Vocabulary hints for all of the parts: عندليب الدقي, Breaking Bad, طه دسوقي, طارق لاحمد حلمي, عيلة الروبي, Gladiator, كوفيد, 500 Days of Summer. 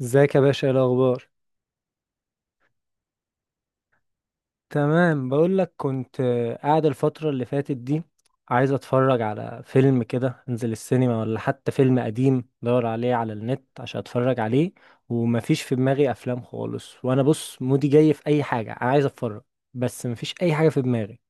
ازيك يا باشا؟ ايه الاخبار؟ تمام. بقول لك كنت قاعد الفتره اللي فاتت دي عايز اتفرج على فيلم كده، انزل السينما ولا حتى فيلم قديم دور عليه على النت عشان اتفرج عليه. ومفيش في دماغي افلام خالص، وانا بص مودي جاي في اي حاجه انا عايز اتفرج. بس مفيش اي حاجه في دماغي.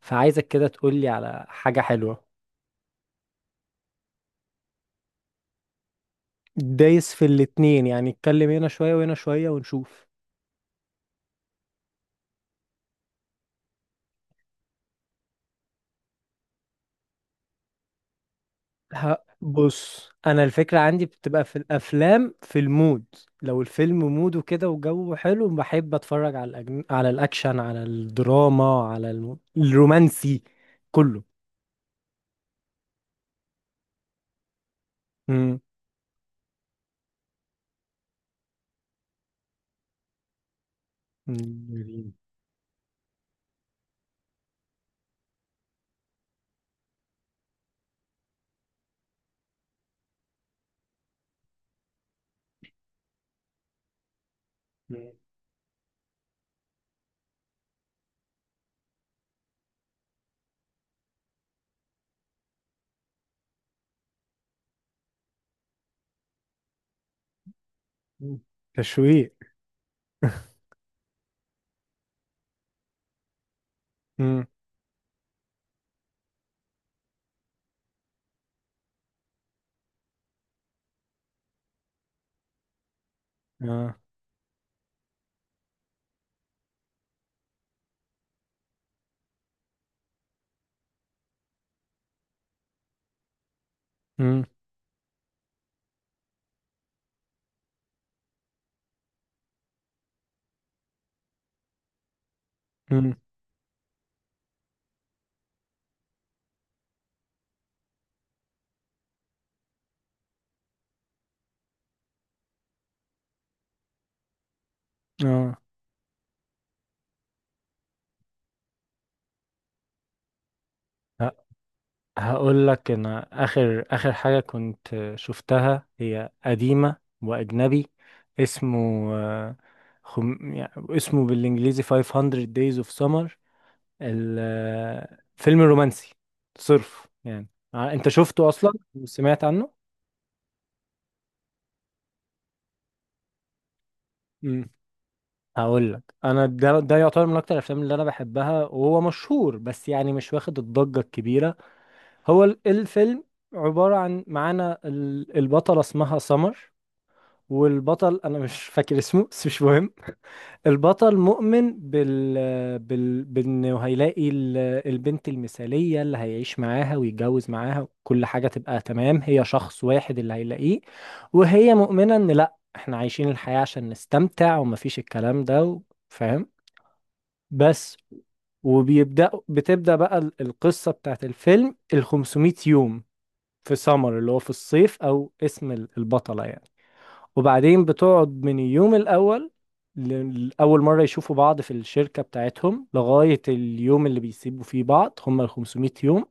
فعايزك كده تقولي على حاجه حلوه. دايس في الاتنين، يعني اتكلم هنا شويه وهنا شويه ونشوف. بص انا الفكره عندي بتبقى في الافلام في المود. لو الفيلم موده كده وجوه حلو، بحب اتفرج على على الاكشن، على الدراما، على الرومانسي، كله. امم. تشويق. امم. اه. امم. اه. هقول لك، انا اخر اخر حاجه كنت شفتها هي قديمه واجنبي. اسمه آه، يعني اسمه بالانجليزي 500 days of summer. فيلم رومانسي صرف يعني. انت شفته اصلا وسمعت عنه؟ امم. هقول لك انا، ده يعتبر من اكتر الافلام اللي انا بحبها، وهو مشهور بس يعني مش واخد الضجه الكبيره. هو الفيلم عباره عن، معانا البطله اسمها سمر، والبطل انا مش فاكر اسمه بس مش مهم. البطل مؤمن بال بانه هيلاقي البنت المثالية اللي هيعيش معاها ويتجوز معاها، كل حاجة تبقى تمام، هي شخص واحد اللي هيلاقيه. وهي مؤمنة ان لا، احنا عايشين الحياة عشان نستمتع ومفيش الكلام ده فاهم؟ بس. بتبدأ بقى القصة بتاعت الفيلم، ال 500 يوم في سمر اللي هو في الصيف، او اسم البطلة يعني. وبعدين بتقعد من اليوم الأول، لأول مرة يشوفوا بعض في الشركة بتاعتهم، لغاية اليوم اللي بيسيبوا فيه بعض، هم ال 500 يوم.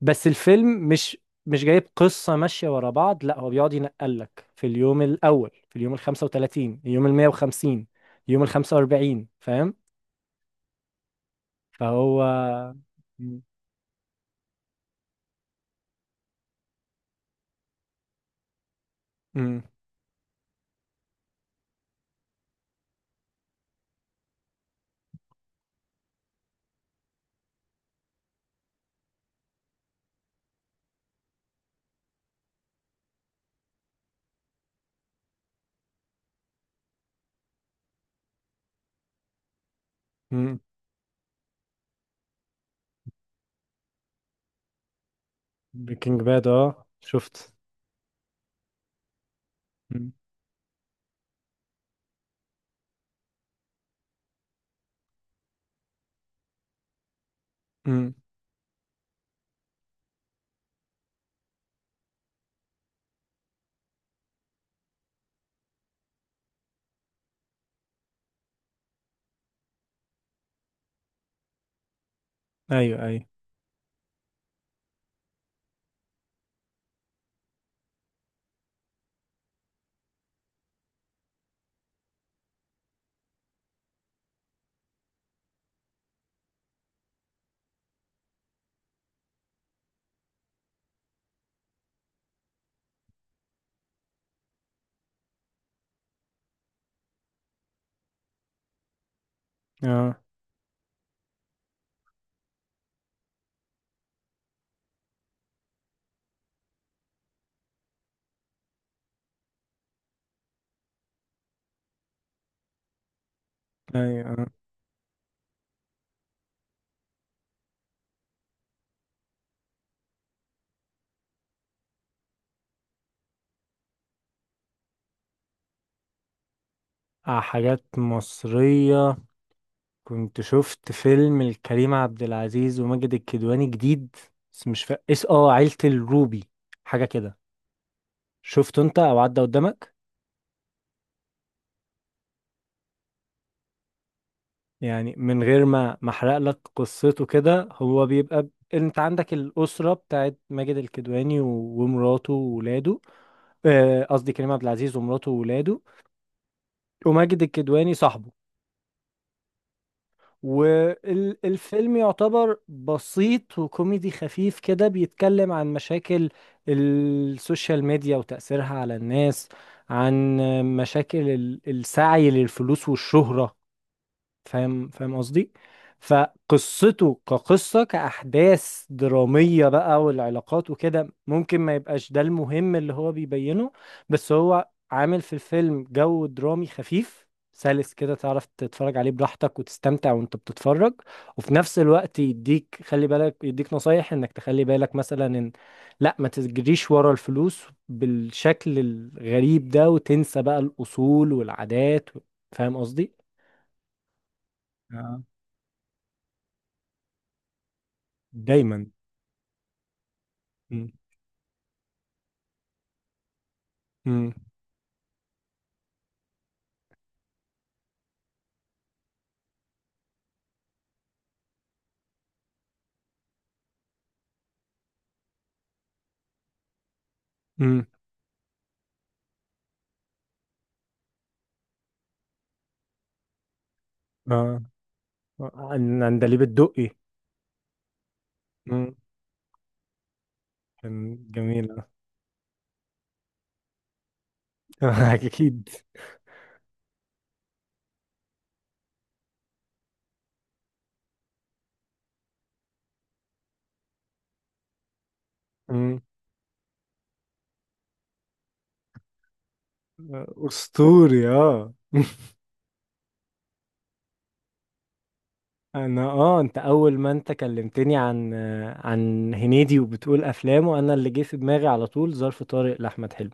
بس الفيلم مش جايب قصة ماشية ورا بعض، لا، هو بيقعد ينقلك في اليوم الأول، في اليوم ال 35، اليوم ال 150، اليوم ال 45، فاهم؟ فهو. امم. امم. بريكنج باد، اه شفت. امم. ايوه ايوه. اه. ايوه. اه. حاجات مصرية. كنت شفت فيلم لكريم عبد العزيز وماجد الكدواني جديد، بس مش فا... اس اه عيلة الروبي، حاجة كده. شفته انت او عدى قدامك؟ يعني من غير ما احرق لك قصته كده، هو بيبقى انت عندك الأسرة بتاعت ماجد الكدواني ومراته وولاده، قصدي كريم عبد العزيز ومراته وولاده، وماجد الكدواني صاحبه. والفيلم يعتبر بسيط وكوميدي خفيف كده، بيتكلم عن مشاكل السوشيال ميديا وتأثيرها على الناس، عن مشاكل السعي للفلوس والشهرة، فاهم؟ فاهم قصدي؟ فقصته كقصة كأحداث درامية بقى والعلاقات وكده ممكن ما يبقاش ده المهم اللي هو بيبينه. بس هو عامل في الفيلم جو درامي خفيف سلس كده، تعرف تتفرج عليه براحتك وتستمتع وانت بتتفرج. وفي نفس الوقت يديك، خلي بالك، يديك نصايح انك تخلي بالك مثلا ان لا، ما تجريش ورا الفلوس بالشكل الغريب ده وتنسى بقى الأصول والعادات. فاهم قصدي؟ دايما. مم. مم. مم. اه. عندليب الدقي. مم. كان جميل آه. اكيد. مم. اسطوري اه. انا اه، انت اول ما انت كلمتني عن هنيدي وبتقول افلامه، انا اللي جه في دماغي على طول ظرف طارق لاحمد حلمي.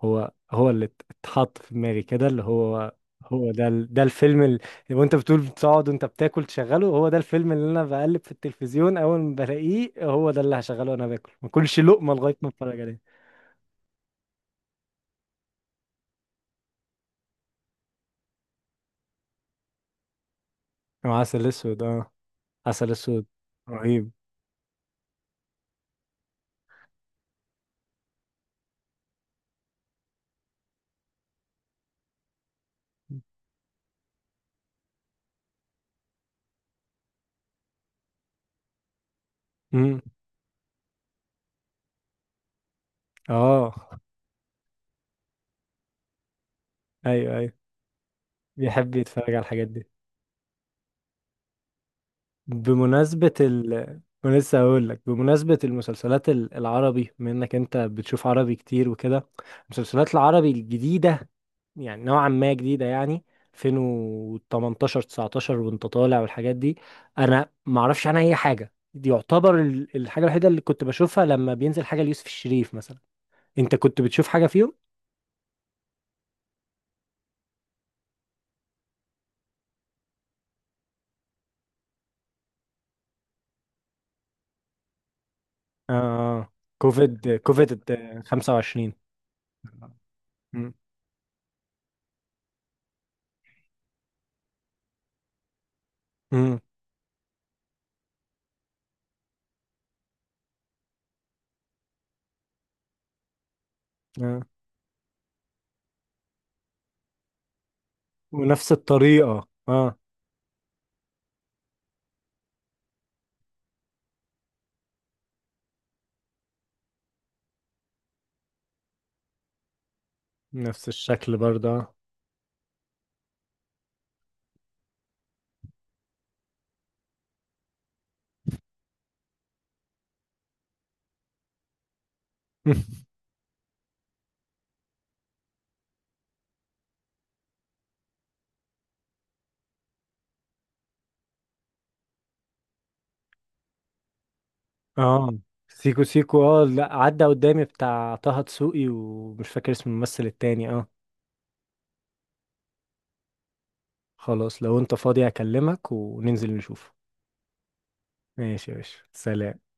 هو اللي اتحط في دماغي كده، اللي هو هو ده ده الفيلم اللي وانت بتقول بتقعد وانت بتاكل تشغله، هو ده الفيلم اللي انا بقلب في التلفزيون اول ما بلاقيه هو ده اللي هشغله، وانا باكل ما كلش لقمه لغايه ما اتفرج عليه. مع عسل اسود اه. عسل اسود رهيب. امم. اه. ايوه ايوه. بيحب يتفرج على الحاجات دي. بمناسبة ال، أنا لسه هقول لك، بمناسبة المسلسلات العربي، بما انك انت بتشوف عربي كتير وكده، المسلسلات العربي الجديدة يعني نوعا ما جديدة يعني، 2018، 19 وانت طالع والحاجات دي. انا ما اعرفش عنها اي حاجة. دي يعتبر الحاجة الوحيدة اللي كنت بشوفها، لما بينزل حاجة ليوسف الشريف مثلا. انت كنت بتشوف حاجة فيهم؟ اه. كوفيد 25. مم. مم. آه. ونفس الطريقة اه. نفس الشكل برضه آه. اه. سيكو سيكو اه، لا عدى قدامي بتاع طه دسوقي ومش فاكر اسم الممثل التاني اه. خلاص، لو انت فاضي اكلمك وننزل نشوف. ماشي يا باشا، سلام.